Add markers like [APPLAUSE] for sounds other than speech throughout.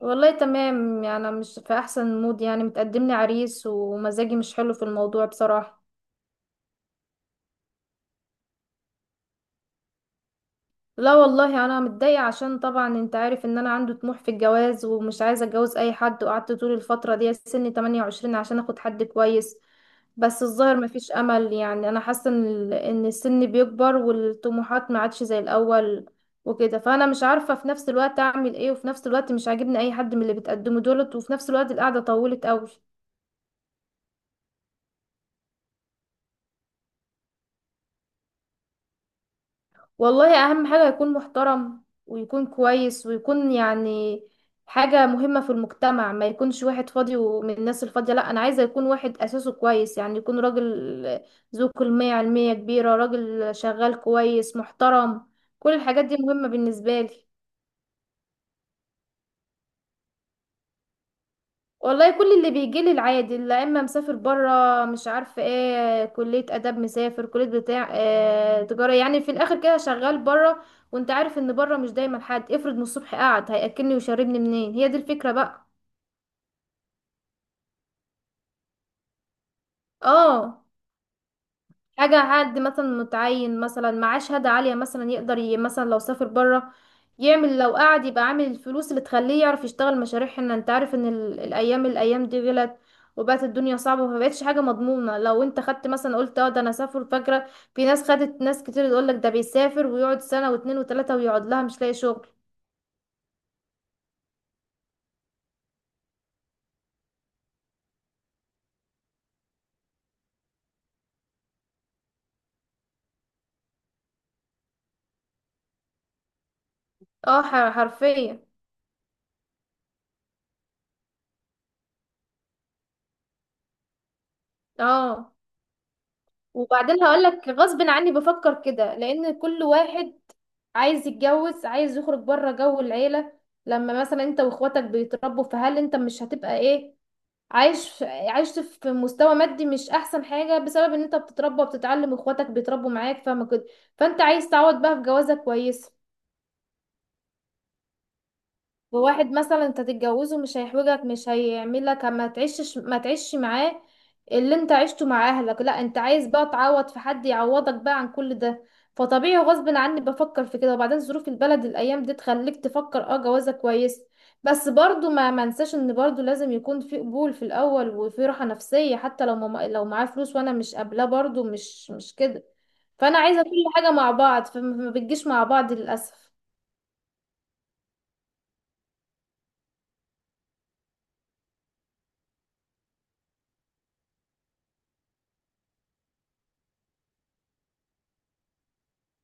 والله تمام، يعني أنا مش في احسن مود. يعني متقدملي عريس ومزاجي مش حلو في الموضوع بصراحة. لا والله انا متضايقة عشان طبعا انت عارف ان انا عندي طموح في الجواز ومش عايزة اتجوز اي حد، وقعدت طول الفترة دي سن 28 عشان اخد حد كويس. بس الظاهر مفيش امل. يعني انا حاسة ان إن السن بيكبر والطموحات ما عادش زي الاول. وكده فانا مش عارفة في نفس الوقت اعمل ايه، وفي نفس الوقت مش عاجبني اي حد من اللي بتقدمه دولت، وفي نفس الوقت القعدة طولت قوي. والله اهم حاجة يكون محترم ويكون كويس ويكون يعني حاجة مهمة في المجتمع، ما يكونش واحد فاضي ومن الناس الفاضية. لا، انا عايزة يكون واحد اساسه كويس، يعني يكون راجل ذو كلمة علمية كبيرة، راجل شغال كويس محترم. كل الحاجات دي مهمة بالنسبة لي. والله كل اللي بيجي لي العادي، لا اما مسافر بره مش عارفه ايه كليه اداب، مسافر كليه بتاع إيه تجاره، يعني في الاخر كده شغال بره. وانت عارف ان بره مش دايما حد افرض من الصبح قاعد هياكلني ويشربني منين، هي دي الفكره بقى. اه. حاجة، حد مثلا متعين، مثلا معاه شهادة عالية، مثلا يقدر مثلا لو سافر برا يعمل، لو قعد يبقى عامل الفلوس اللي تخليه يعرف يشتغل مشاريع هنا. انت عارف ان الايام دي غلت وبقت الدنيا صعبة، فمبقتش حاجة مضمونة. لو انت خدت مثلا قلت اه ده انا سافر، فاكرة في ناس خدت، ناس كتير يقولك ده بيسافر ويقعد سنة واتنين وتلاتة، ويقعد لها مش لاقي شغل. اه حرفيا. اه، وبعدين هقول لك، غصب عني بفكر كده، لان كل واحد عايز يتجوز، عايز يخرج بره جو العيله. لما مثلا انت واخواتك بيتربوا، فهل انت مش هتبقى ايه، عايش في مستوى مادي مش احسن حاجه بسبب ان انت بتتربى وبتتعلم واخواتك بيتربوا معاك، فاهمه كده؟ فانت عايز تعوض بقى في جوازه كويسه. وواحد مثلا انت تتجوزه مش هيحوجك، مش هيعملك ما تعيشش معاه اللي انت عشته مع اهلك. لا، انت عايز بقى تعوض في حد يعوضك بقى عن كل ده. فطبيعي غصب عني بفكر في كده. وبعدين ظروف البلد الايام دي تخليك تفكر اه جوازة كويس. بس برضو ما منساش ان برضو لازم يكون في قبول في الاول وفي راحة نفسية، حتى لو ما لو معاه فلوس وانا مش قابلاه برضو مش كده. فانا عايزة كل حاجة مع بعض، فما ما بتجيش مع بعض للاسف.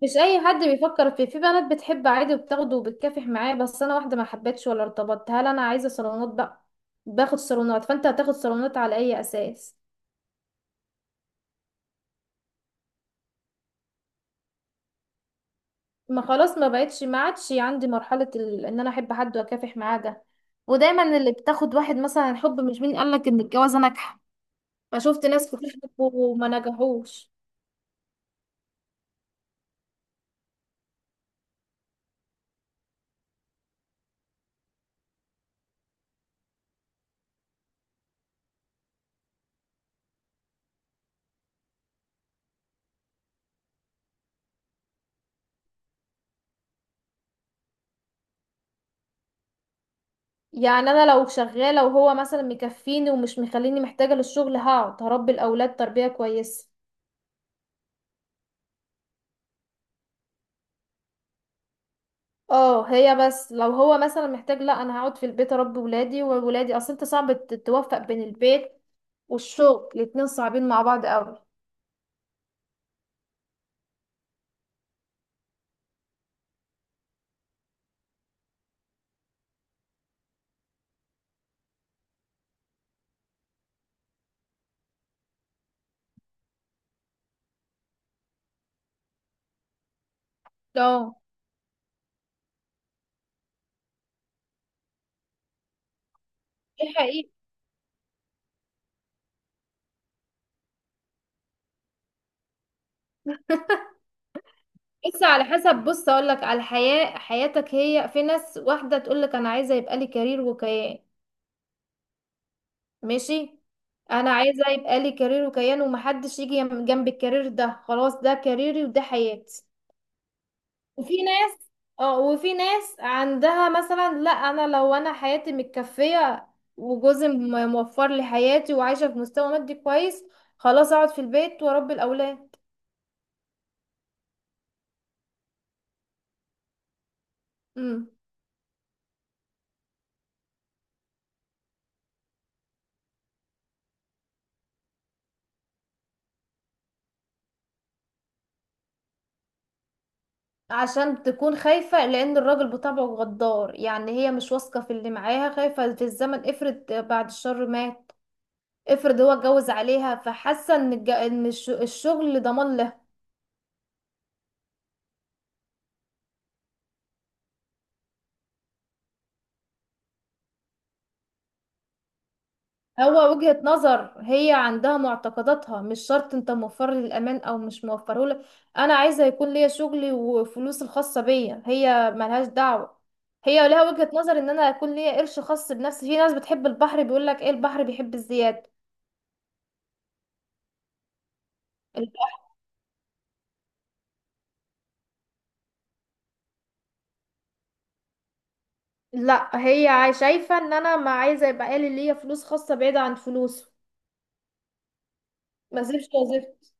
مش اي حد بيفكر فيه. في بنات بتحب عادي وبتاخده وبتكافح معاه، بس انا واحده ما حبيتش ولا ارتبطت، هل انا عايزه صالونات بقى؟ باخد صالونات، فانت هتاخد صالونات على اي اساس؟ ما خلاص، ما بقتش ما عادش عندي مرحله ان انا احب حد واكافح معاه ده. ودايما اللي بتاخد واحد مثلا الحب، مش مين قالك ان الجواز ناجحه؟ فشفت ناس كتير حبوا وما نجحوش. يعني انا لو شغاله وهو مثلا مكفيني ومش مخليني محتاجه للشغل، هقعد هربي الاولاد تربيه كويسه. اه، هي بس لو هو مثلا محتاج، لا انا هقعد في البيت اربي ولادي. وولادي اصل انت صعب توفق بين البيت والشغل، الاتنين صعبين مع بعض قوي. اه، دي حقيقة. بس على حسب، بص اقول لك على الحياة، حياتك هي في ناس واحدة تقول لك انا عايزة يبقى لي كارير وكيان، ماشي. انا عايزة يبقى لي كارير وكيان ومحدش يجي جنب الكارير ده، خلاص ده كاريري وده حياتي. وفي ناس، اه وفي ناس عندها مثلا لا، انا لو انا حياتي متكفية وجوزي موفر لي حياتي وعايشة في مستوى مادي كويس، خلاص اقعد في البيت واربي الاولاد. امم. عشان تكون خايفة، لان الراجل بطبعه غدار. يعني هي مش واثقة في اللي معاها، خايفة في الزمن افرض بعد الشر مات، افرض هو اتجوز عليها، فحاسة ان إن الشغل ضمان لها. هو وجهة نظر، هي عندها معتقداتها، مش شرط انت موفر لي الامان او مش موفره لي. انا عايزه يكون ليا شغلي وفلوس الخاصه بيا، هي ملهاش دعوه. هي لها وجهة نظر ان انا يكون ليا قرش خاص بنفسي، في ناس بتحب البحر بيقول لك ايه، البحر بيحب الزياده. الب- لا، هي شايفه ان انا ما عايزه يبقى إيه لي، ليا فلوس خاصه بعيده عن فلوسه، ما اسيبش وظيفتي.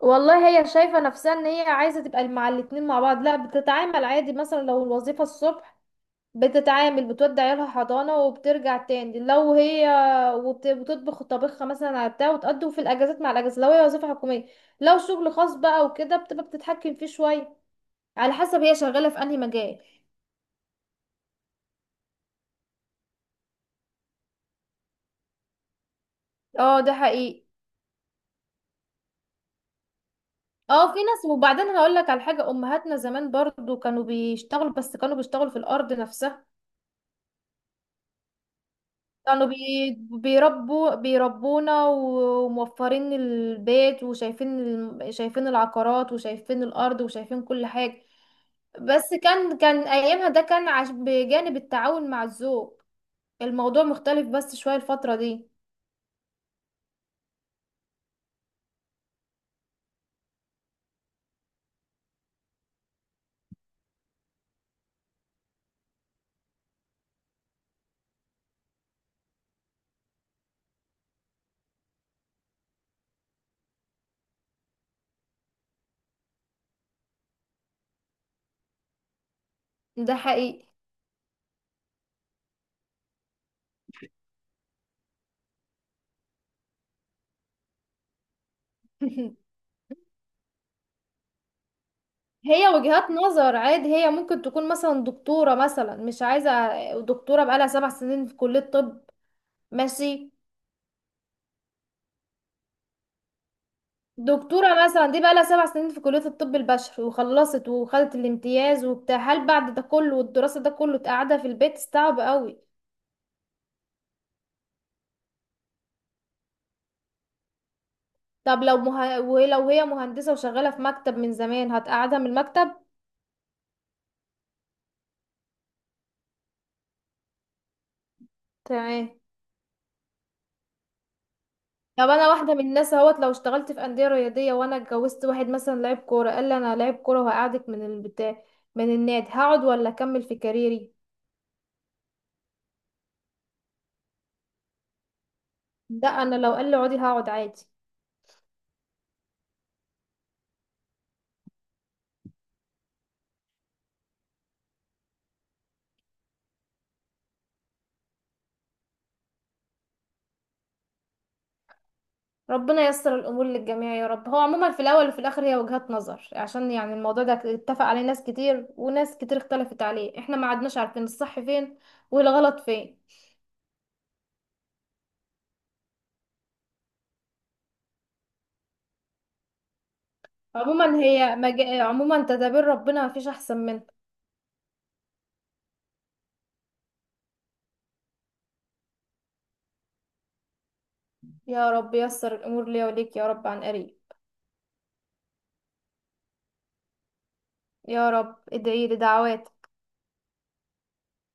والله هي شايفه نفسها ان هي عايزه تبقى مع الاتنين مع بعض. لا، بتتعامل عادي، مثلا لو الوظيفه الصبح بتتعامل بتودي عيالها حضانة وبترجع تاني لو هي، وبتطبخ طبخها مثلا على بتاع، وتقضي في الأجازات مع الأجازة لو هي وظيفة حكومية. لو شغل خاص بقى وكده، بتبقى بتتحكم فيه شوية، على حسب هي شغالة في أنهي مجال. اه ده حقيقي. اه في ناس، وبعدين هقول لك على حاجة، أمهاتنا زمان برضو كانوا بيشتغلوا، بس كانوا بيشتغلوا في الأرض نفسها. كانوا بي... بيربوا بيربونا وموفرين البيت، وشايفين شايفين العقارات وشايفين الأرض وشايفين كل حاجة. بس كان ايامها ده كان عش بجانب التعاون مع الذوق. الموضوع مختلف بس شوية الفترة دي. ده حقيقي. [LAUGHS] هي وجهات نظر عادي، هي ممكن تكون مثلا دكتورة مثلا مش عايزة. دكتورة بقالها 7 سنين في كلية طب، ماشي. دكتورة مثلا دي بقالها 7 سنين في كلية الطب البشري، وخلصت وخدت الامتياز وبتاع، هل بعد ده كله والدراسة ده كله تقعدها في البيت؟ صعب قوي. طب لو ولو هي مهندسة وشغالة في مكتب من زمان، هتقعدها من المكتب؟ تمام. طب انا واحده من الناس اهوت، لو اشتغلت في انديه رياضيه وانا اتجوزت واحد مثلا لعيب كوره، قال لي انا لعيب كوره وهقعدك من البتاع من النادي، هقعد ولا اكمل في كاريري؟ ده انا لو قال لي اقعدي هقعد عادي. ربنا ييسر الامور للجميع يا رب. هو عموما في الاول وفي الاخر هي وجهات نظر، عشان يعني الموضوع ده اتفق عليه ناس كتير وناس كتير اختلفت عليه، احنا ما عدناش عارفين الصح فين والغلط فين. عموما هي عموما تدابير ربنا ما فيش احسن منها. يا رب ييسر الامور ليا وليك يا رب عن قريب. يا رب ادعيلي دعوات.